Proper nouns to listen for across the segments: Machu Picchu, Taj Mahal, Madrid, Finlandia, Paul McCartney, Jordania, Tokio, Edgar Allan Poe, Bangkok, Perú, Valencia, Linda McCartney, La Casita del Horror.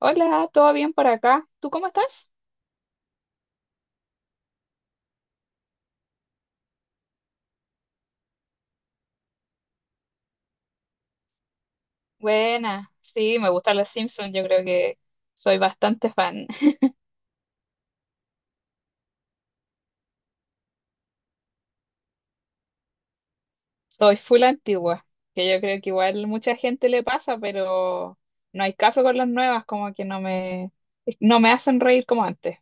Hola, ¿todo bien por acá? ¿Tú cómo estás? Buena, sí, me gustan los Simpsons, yo creo que soy bastante fan. Soy full antigua, que yo creo que igual mucha gente le pasa, pero no hay caso con las nuevas, como que no me hacen reír como antes.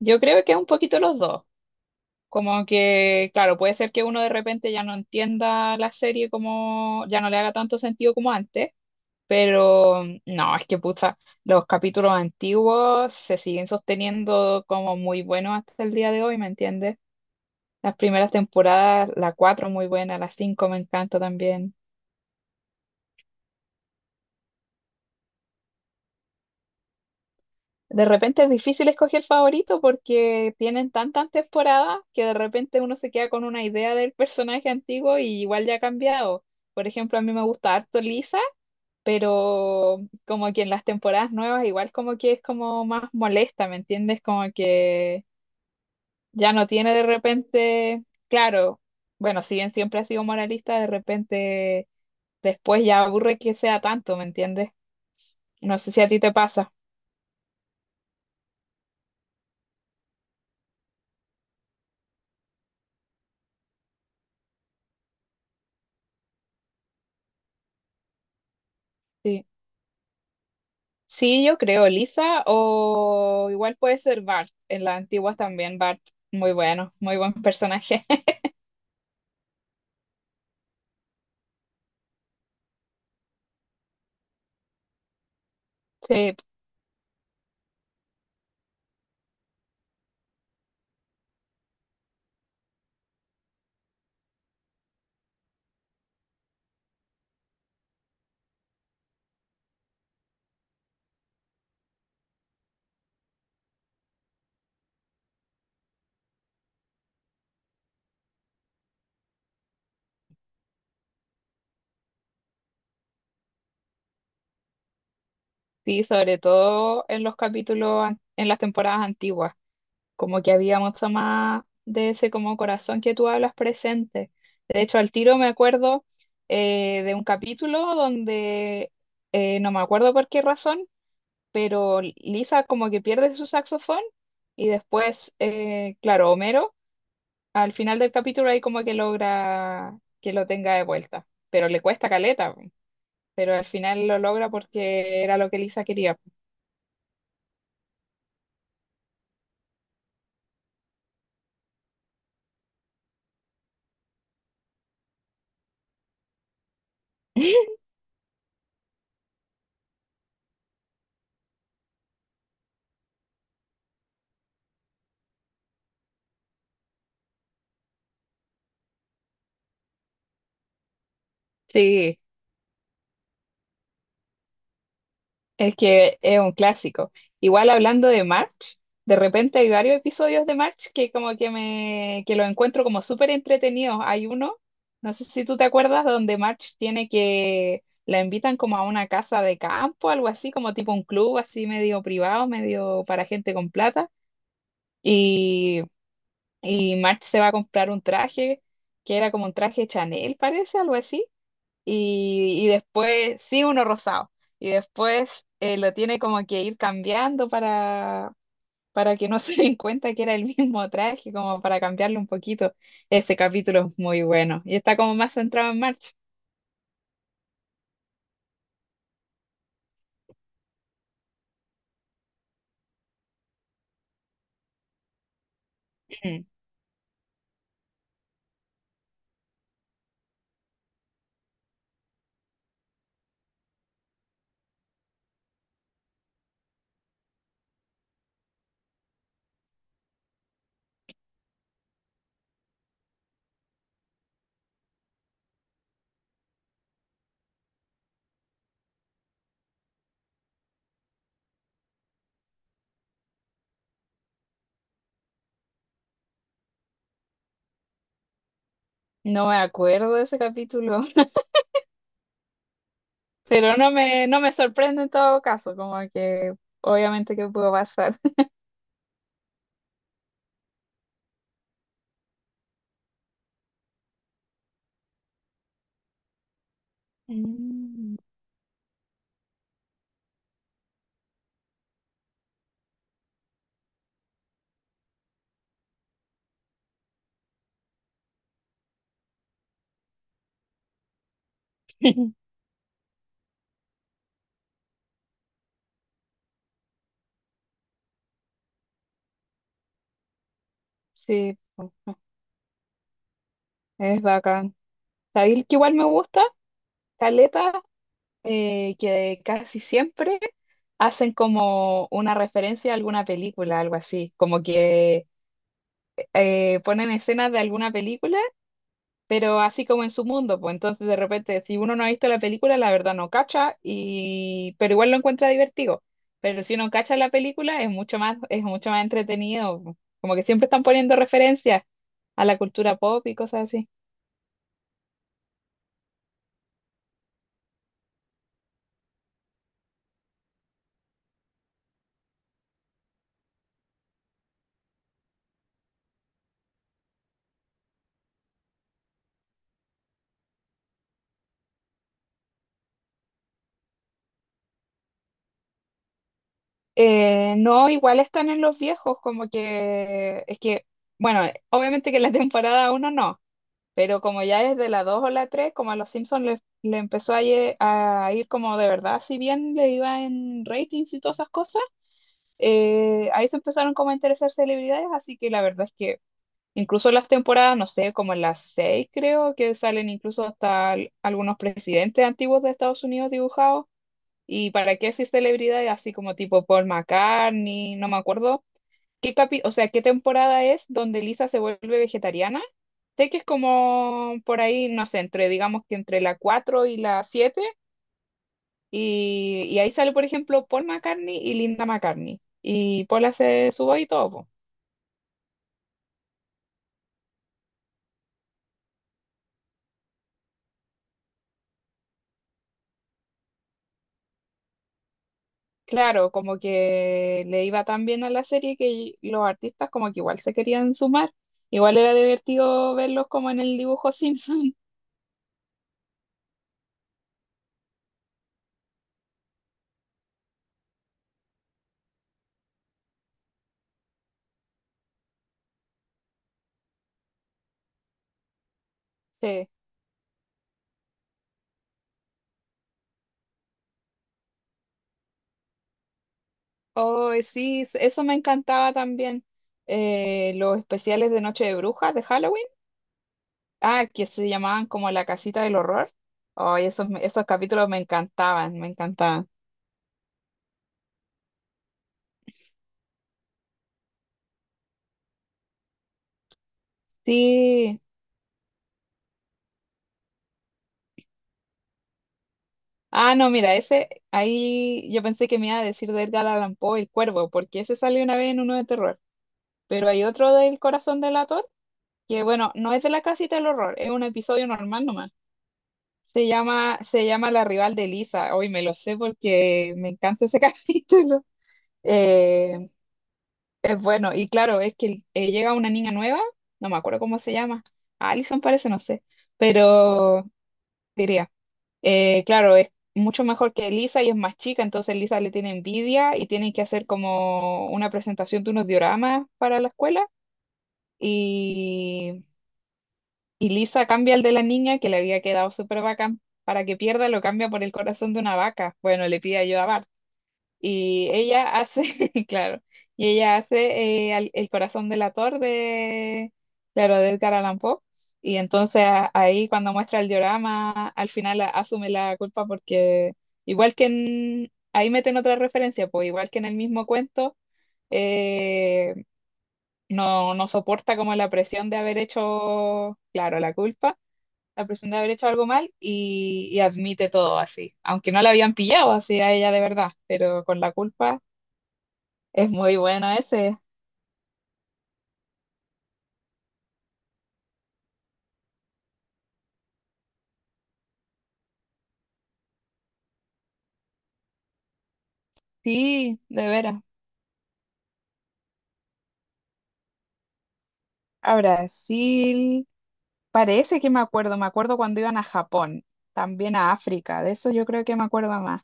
Yo creo que es un poquito los dos, como que, claro, puede ser que uno de repente ya no entienda la serie como, ya no le haga tanto sentido como antes. Pero no, es que pucha, los capítulos antiguos se siguen sosteniendo como muy buenos hasta el día de hoy, ¿me entiendes? Las primeras temporadas, la 4 muy buena, la 5 me encanta también. De repente es difícil escoger favorito porque tienen tantas temporadas que de repente uno se queda con una idea del personaje antiguo y igual ya ha cambiado. Por ejemplo, a mí me gusta harto Lisa, pero como que en las temporadas nuevas igual como que es como más molesta, ¿me entiendes? Como que ya no tiene de repente, claro, bueno, si bien siempre ha sido moralista, de repente después ya aburre que sea tanto, ¿me entiendes? No sé si a ti te pasa. Sí, sí, yo creo, Lisa, o igual puede ser Bart, en las antiguas también Bart, muy bueno, muy buen personaje. Sí, sí, sobre todo en los capítulos, en las temporadas antiguas, como que había mucho más de ese como corazón que tú hablas presente. De hecho, al tiro me acuerdo de un capítulo donde no me acuerdo por qué razón, pero Lisa como que pierde su saxofón y después, claro, Homero al final del capítulo ahí como que logra que lo tenga de vuelta, pero le cuesta caleta, po. Pero al final lo logra porque era lo que Lisa quería. Sí. Es que es un clásico. Igual hablando de March, de repente hay varios episodios de March que como que lo encuentro como súper entretenidos. Hay uno, no sé si tú te acuerdas, donde March tiene que la invitan como a una casa de campo, algo así, como tipo un club así medio privado, medio para gente con plata. Y, y March se va a comprar un traje que era como un traje Chanel, parece, algo así, y después, sí, uno rosado. Y después lo tiene como que ir cambiando para que no se den cuenta que era el mismo traje, como para cambiarlo un poquito. Ese capítulo es muy bueno. Y está como más centrado en March. Mm. No me acuerdo de ese capítulo, pero no me sorprende en todo caso, como que obviamente que pudo pasar. Mm. Sí, po, es bacán. ¿Sabéis que igual me gusta? Caleta que casi siempre hacen como una referencia a alguna película, algo así, como que ponen escenas de alguna película, pero así como en su mundo, pues entonces de repente si uno no ha visto la película, la verdad no cacha, y pero igual lo encuentra divertido, pero si uno cacha la película es mucho más entretenido, como que siempre están poniendo referencias a la cultura pop y cosas así. No, igual están en los viejos, como que es que, bueno, obviamente que en la temporada uno no, pero como ya es de la 2 o la 3 como a los Simpsons le empezó a ir como de verdad, si bien le iba en ratings y todas esas cosas, ahí se empezaron como a interesar celebridades, así que la verdad es que incluso las temporadas, no sé, como en las 6 creo, que salen incluso hasta algunos presidentes antiguos de Estados Unidos dibujados. ¿Y para qué así celebridades así como tipo Paul McCartney? No me acuerdo. ¿Qué o sea, qué temporada es donde Lisa se vuelve vegetariana? Sé que es como por ahí, no sé, entre, digamos que entre la 4 y la siete. Y ahí sale, por ejemplo, Paul McCartney y Linda McCartney. Y Paul hace su voz y todo, po. Claro, como que le iba tan bien a la serie que los artistas como que igual se querían sumar. Igual era divertido verlos como en el dibujo Simpson. Sí. Oh, sí, eso me encantaba también. Los especiales de Noche de Brujas de Halloween. Ah, que se llamaban como La Casita del Horror. Oh, esos, esos capítulos me encantaban, me encantaban. Sí. Ah, no, mira, ese, ahí yo pensé que me iba a decir de Edgar Allan Poe, El Cuervo, porque ese salió una vez en uno de terror. Pero hay otro del Corazón del Ator, que bueno, no es de La Casita del Horror, es un episodio normal nomás. Se llama La Rival de Lisa. Hoy me lo sé porque me encanta ese capítulo. Eh, es bueno, y claro, es que llega una niña nueva, no me acuerdo cómo se llama, Alison parece, no sé, pero diría, claro, es mucho mejor que Lisa y es más chica, entonces Lisa le tiene envidia y tienen que hacer como una presentación de unos dioramas para la escuela y, y Lisa cambia el de la niña que le había quedado súper bacán, para que pierda lo cambia por el corazón de una vaca, bueno, le pide ayuda a Bart. Y ella hace, claro, y ella hace corazón del ator de, claro, de Edgar Allan Poe. Y entonces ahí cuando muestra el diorama, al final asume la culpa porque igual que en, ahí meten otra referencia, pues igual que en el mismo cuento, eh, no soporta como la presión de haber hecho, claro, la culpa, la presión de haber hecho algo mal y admite todo así, aunque no la habían pillado así a ella de verdad, pero con la culpa. Es muy bueno ese. Sí, de veras. A Brasil. Parece que me acuerdo. Me acuerdo cuando iban a Japón. También a África. De eso yo creo que me acuerdo más.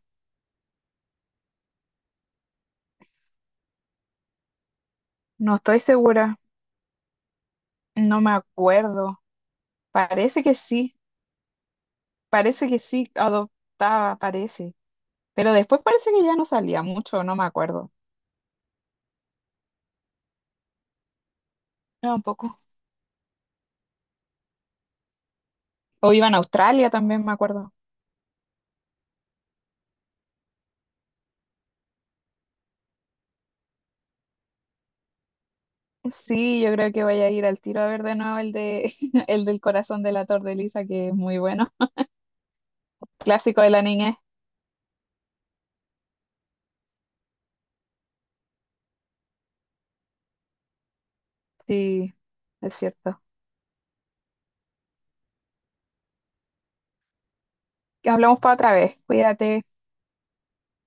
No estoy segura. No me acuerdo. Parece que sí. Parece que sí. Adoptaba, parece. Pero después parece que ya no salía mucho. No me acuerdo. No, un poco. O iban a Australia también, me acuerdo. Sí, yo creo que voy a ir al tiro a ver de nuevo el de el del corazón de la torre de Lisa, que es muy bueno. Clásico de la niñez. Sí, es cierto. Hablamos para otra vez. Cuídate.